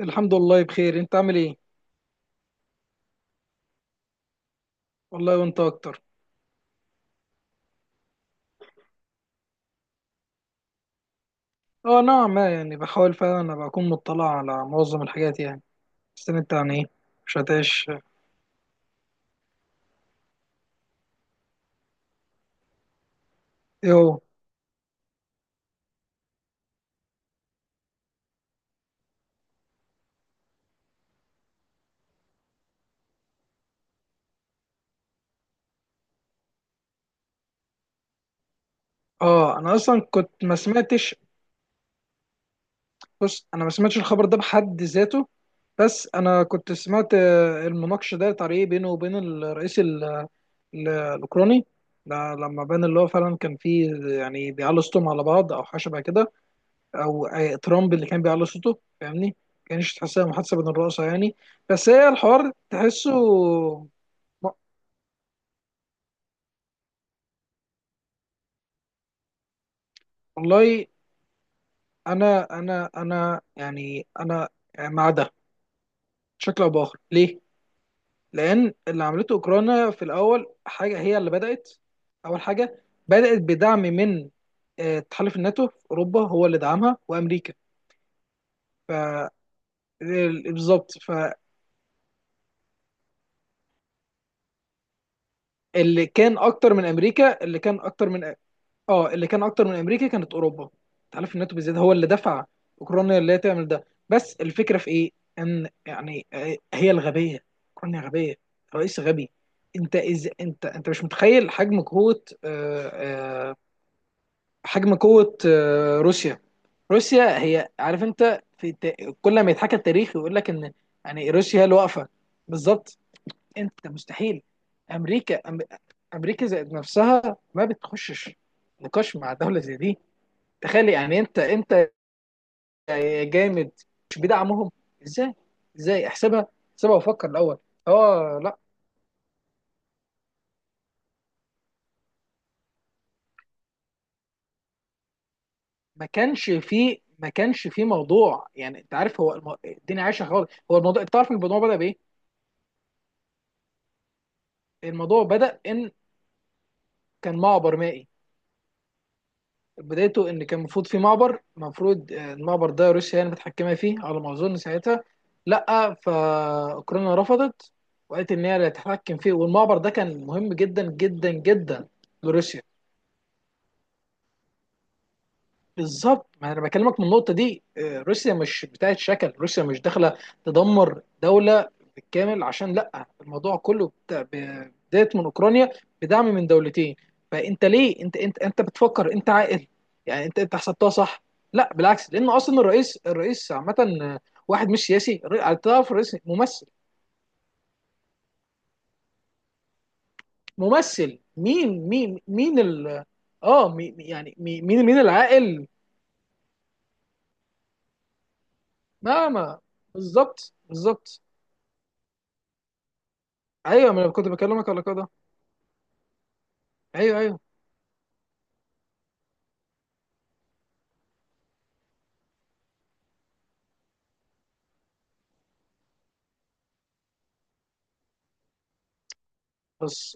الحمد لله بخير، انت عامل ايه؟ والله، وانت اكتر. اه، نعم، ما يعني بحاول فعلا ابقى اكون مطلع على معظم الحاجات يعني. بس انت عن ايه؟ مش هتعيش؟ ايه هو؟ اه، انا اصلا كنت ما سمعتش. بص، انا ما سمعتش الخبر ده بحد ذاته. بس انا كنت سمعت المناقشه ديت على ايه بينه وبين الرئيس الاوكراني ده لما بان اللي هو فعلا كان فيه، يعني بيعلوا صوتهم على بعض او حاجه شبه كده. او ترامب اللي كان بيعلي صوته، فاهمني؟ ما كانش تحسها محادثه بين الرؤساء يعني. بس هي الحوار تحسه. م- والله، انا يعني انا مع ده بشكل او باخر. ليه؟ لان اللي عملته اوكرانيا في الاول حاجه هي اللي بدات. اول حاجه بدات بدعم من تحالف الناتو في اوروبا، هو اللي دعمها وامريكا. ف بالظبط. فاللي كان اكتر من امريكا، اللي كان اكتر من، اه اللي كان اكتر من امريكا كانت اوروبا. تحالف الناتو بالذات هو اللي دفع اوكرانيا اللي هي تعمل ده. بس الفكره في ايه؟ ان يعني هي الغبيه. اوكرانيا غبيه، رئيس غبي. انت انت مش متخيل حجم قوه حجم قوه روسيا. روسيا هي، عارف انت في كل ما يتحكى، التاريخ يقول لك ان، يعني روسيا هي اللي واقفه. بالظبط. انت مستحيل. امريكا امريكا ذات نفسها ما بتخشش نقاش مع دوله زي دي. تخيل، يعني انت يا جامد، مش بيدعمهم. ازاي؟ ازاي احسبها؟ احسبها وفكر الاول. اه لا. ما كانش فيه موضوع، يعني انت عارف، هو الدنيا عايشه خالص. هو الموضوع، انت عارف الموضوع بدا بايه؟ الموضوع بدا ان كان معبر مائي. بدايته ان كان المفروض في معبر، المفروض المعبر ده روسيا يعني متحكمه فيه على ما اظن ساعتها، لا، فاوكرانيا رفضت، وقالت ان هي اللي هتتحكم فيه. والمعبر ده كان مهم جدا جدا جدا لروسيا. بالظبط، ما انا بكلمك من النقطه دي. روسيا مش بتاعت شكل، روسيا مش داخله تدمر دوله بالكامل عشان لا. الموضوع كله بدايه من اوكرانيا، بدعم من دولتين. فانت ليه، انت بتفكر انت عاقل؟ يعني انت حسبتها صح؟ لا بالعكس، لان اصلا الرئيس، عامه آه، واحد مش سياسي. تعرف الرئيس ممثل؟ ممثل مين ال، اه يعني مين، مين العاقل؟ ما ما بالظبط، بالظبط. ايوه، ما انا كنت بكلمك على كده. ايوه، ايوه، بس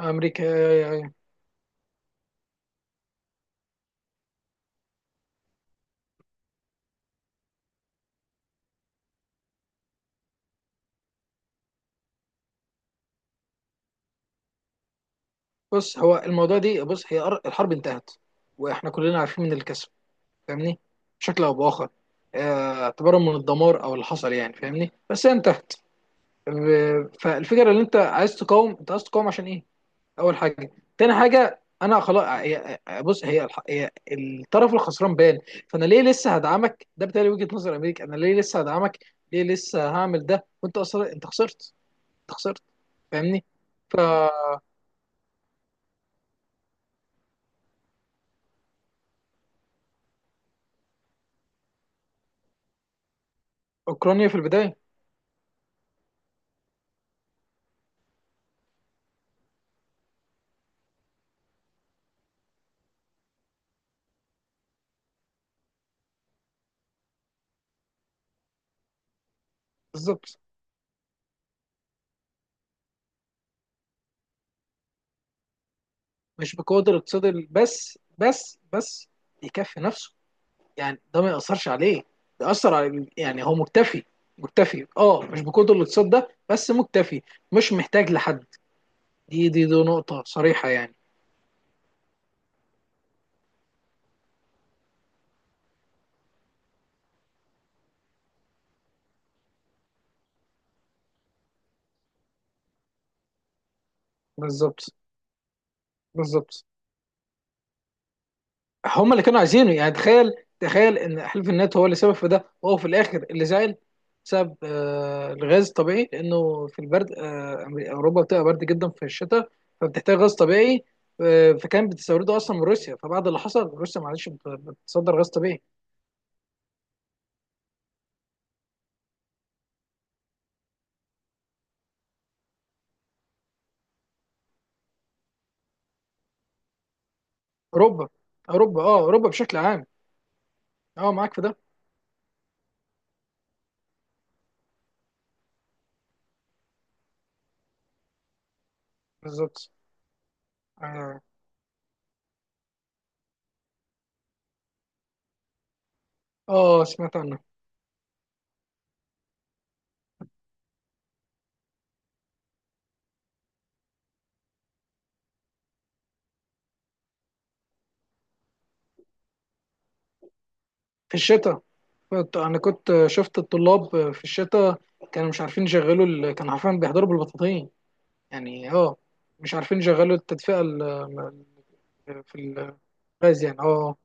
امريكا. أيوة، أيوة. بص، هو الموضوع دي، بص هي الحرب انتهت، واحنا كلنا عارفين من الكسب، فاهمني؟ بشكل او باخر، اعتبارا من الدمار او اللي حصل، يعني فاهمني، بس هي انتهت. فالفكره، اللي انت عايز تقاوم، انت عايز تقاوم عشان ايه؟ اول حاجه. تاني حاجه، انا خلاص، بص، هي الطرف الخسران، بان. فانا ليه لسه هدعمك؟ ده بالتالي وجهه نظر امريكا، انا ليه لسه هدعمك؟ ليه لسه هعمل ده وانت اصلا انت خسرت؟ انت خسرت، فاهمني؟ فأوكرانيا في البداية. بالظبط، مش بقوة الاقتصاد بس يكفي نفسه، يعني ده ما يأثرش عليه. ده أثر على، يعني هو مكتفي. مكتفي، اه، مش بقوة الاقتصاد ده، بس مكتفي، مش محتاج لحد. دي نقطة صريحة يعني. بالظبط، بالظبط. هم اللي كانوا عايزينه، يعني تخيل. تخيل ان حلف النات هو اللي سبب في ده، وهو في الاخر اللي زعل بسبب الغاز الطبيعي. لانه في البرد، اوروبا بتبقى برد جدا في الشتاء، فبتحتاج غاز طبيعي. فكان بتستورده اصلا من روسيا، فبعد اللي حصل روسيا معلش، بتصدر غاز طبيعي. اوروبا، اوروبا، اه، اوروبا بشكل عام. اه، معاك في ده. بالظبط، اه، سمعت عنه. في الشتاء، انا كنت شفت الطلاب في الشتاء، كانوا مش عارفين يشغلوا كانوا عارفين بيحضروا بالبطاطين يعني، اه، مش عارفين يشغلوا التدفئة. في الغاز يعني، اه.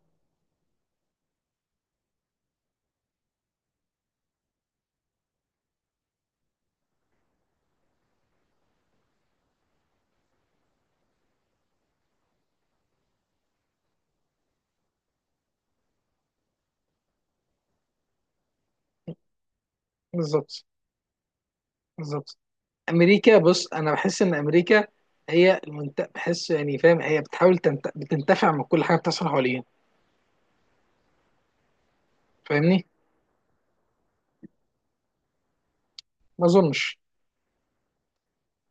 بالظبط، بالظبط. امريكا، بص انا بحس ان امريكا هي بحس يعني، فاهم، هي بتحاول بتنتفع من كل حاجه بتحصل حواليها، فاهمني؟ ما اظنش.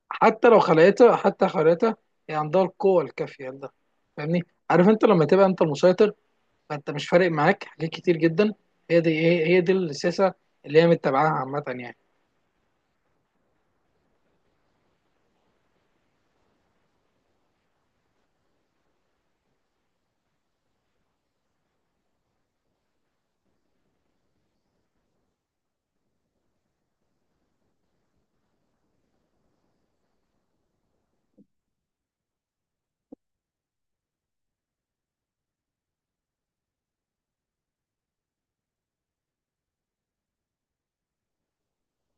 حتى لو خلقتها، حتى خلقتها، هي عندها القوه الكافيه لده، فاهمني؟ عارف، انت لما تبقى انت المسيطر، فانت مش فارق معاك حاجات كتير جدا. هي دي هي دي السياسه اللي هي متبعاها عامه يعني.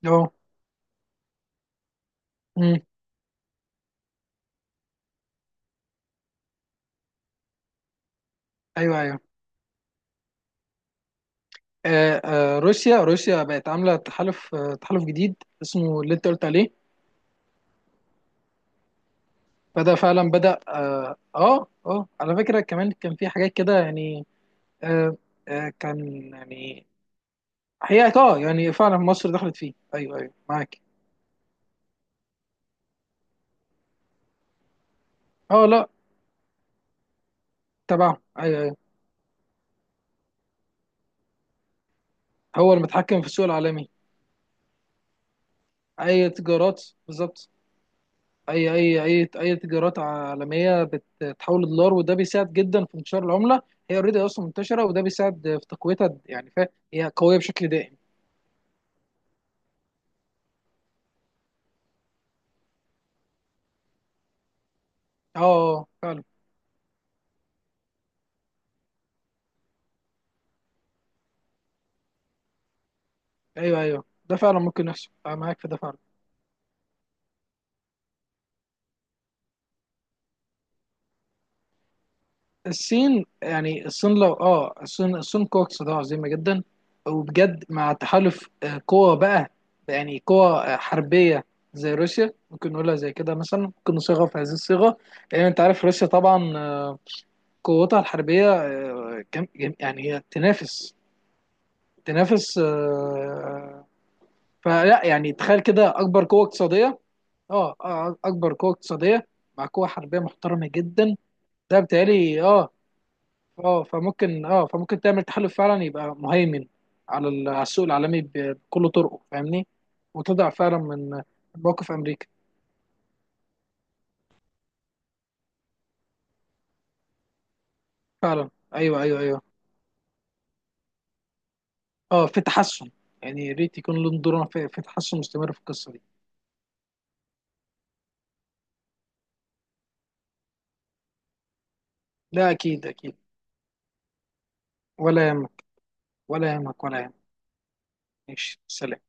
اه، أمم. ايوه، ايوه. روسيا، روسيا بقت عامله تحالف، تحالف جديد اسمه اللي انت قلت عليه. بدا فعلا، بدا، اه، اه، على فكره كمان كان في حاجات كده يعني. آه، آه، كان يعني، هي اه، يعني فعلا مصر دخلت فيه، ايوه، ايوه معاك. اه لا، تبعه، ايوه، ايوه. هو المتحكم في السوق العالمي. اي تجارات، بالظبط. اي تجارات عالميه بتتحول لدولار، وده بيساعد جدا في انتشار العمله. هي اوريدي اصلا منتشره، وده بيساعد في تقويتها، يعني فهي قويه بشكل دائم. اه، فعلا. ايوه، ايوه، ده فعلا ممكن يحصل، انا معاك في ده فعلا. الصين، يعني الصين لو، اه، الصين، الصين قوة اقتصادية عظيمة جدا، وبجد مع تحالف قوى بقى، يعني قوى حربية زي روسيا، ممكن نقولها زي كده، مثلا ممكن نصيغها في هذه الصيغة. لأن أنت عارف روسيا طبعا قوتها الحربية كم يعني هي تنافس، تنافس فلا، يعني تخيل كده، أكبر قوة اقتصادية، اه، اكبر قوه اقتصاديه مع قوه حربيه محترمه جدا. ده بتهيألي، اه، اه، فممكن، اه، فممكن تعمل تحالف فعلا يبقى مهيمن على على السوق العالمي، بكل طرقه، فاهمني؟ وتضع فعلا من موقف امريكا، فعلا، ايوه، ايوه، ايوه. اه، في تحسن، يعني يا ريت يكون لهم دور في، في تحسن مستمر في القصه دي. لا، اكيد اكيد. ولا يهمك، ولا يهمك، ولا يهمك. ماشي، سلام.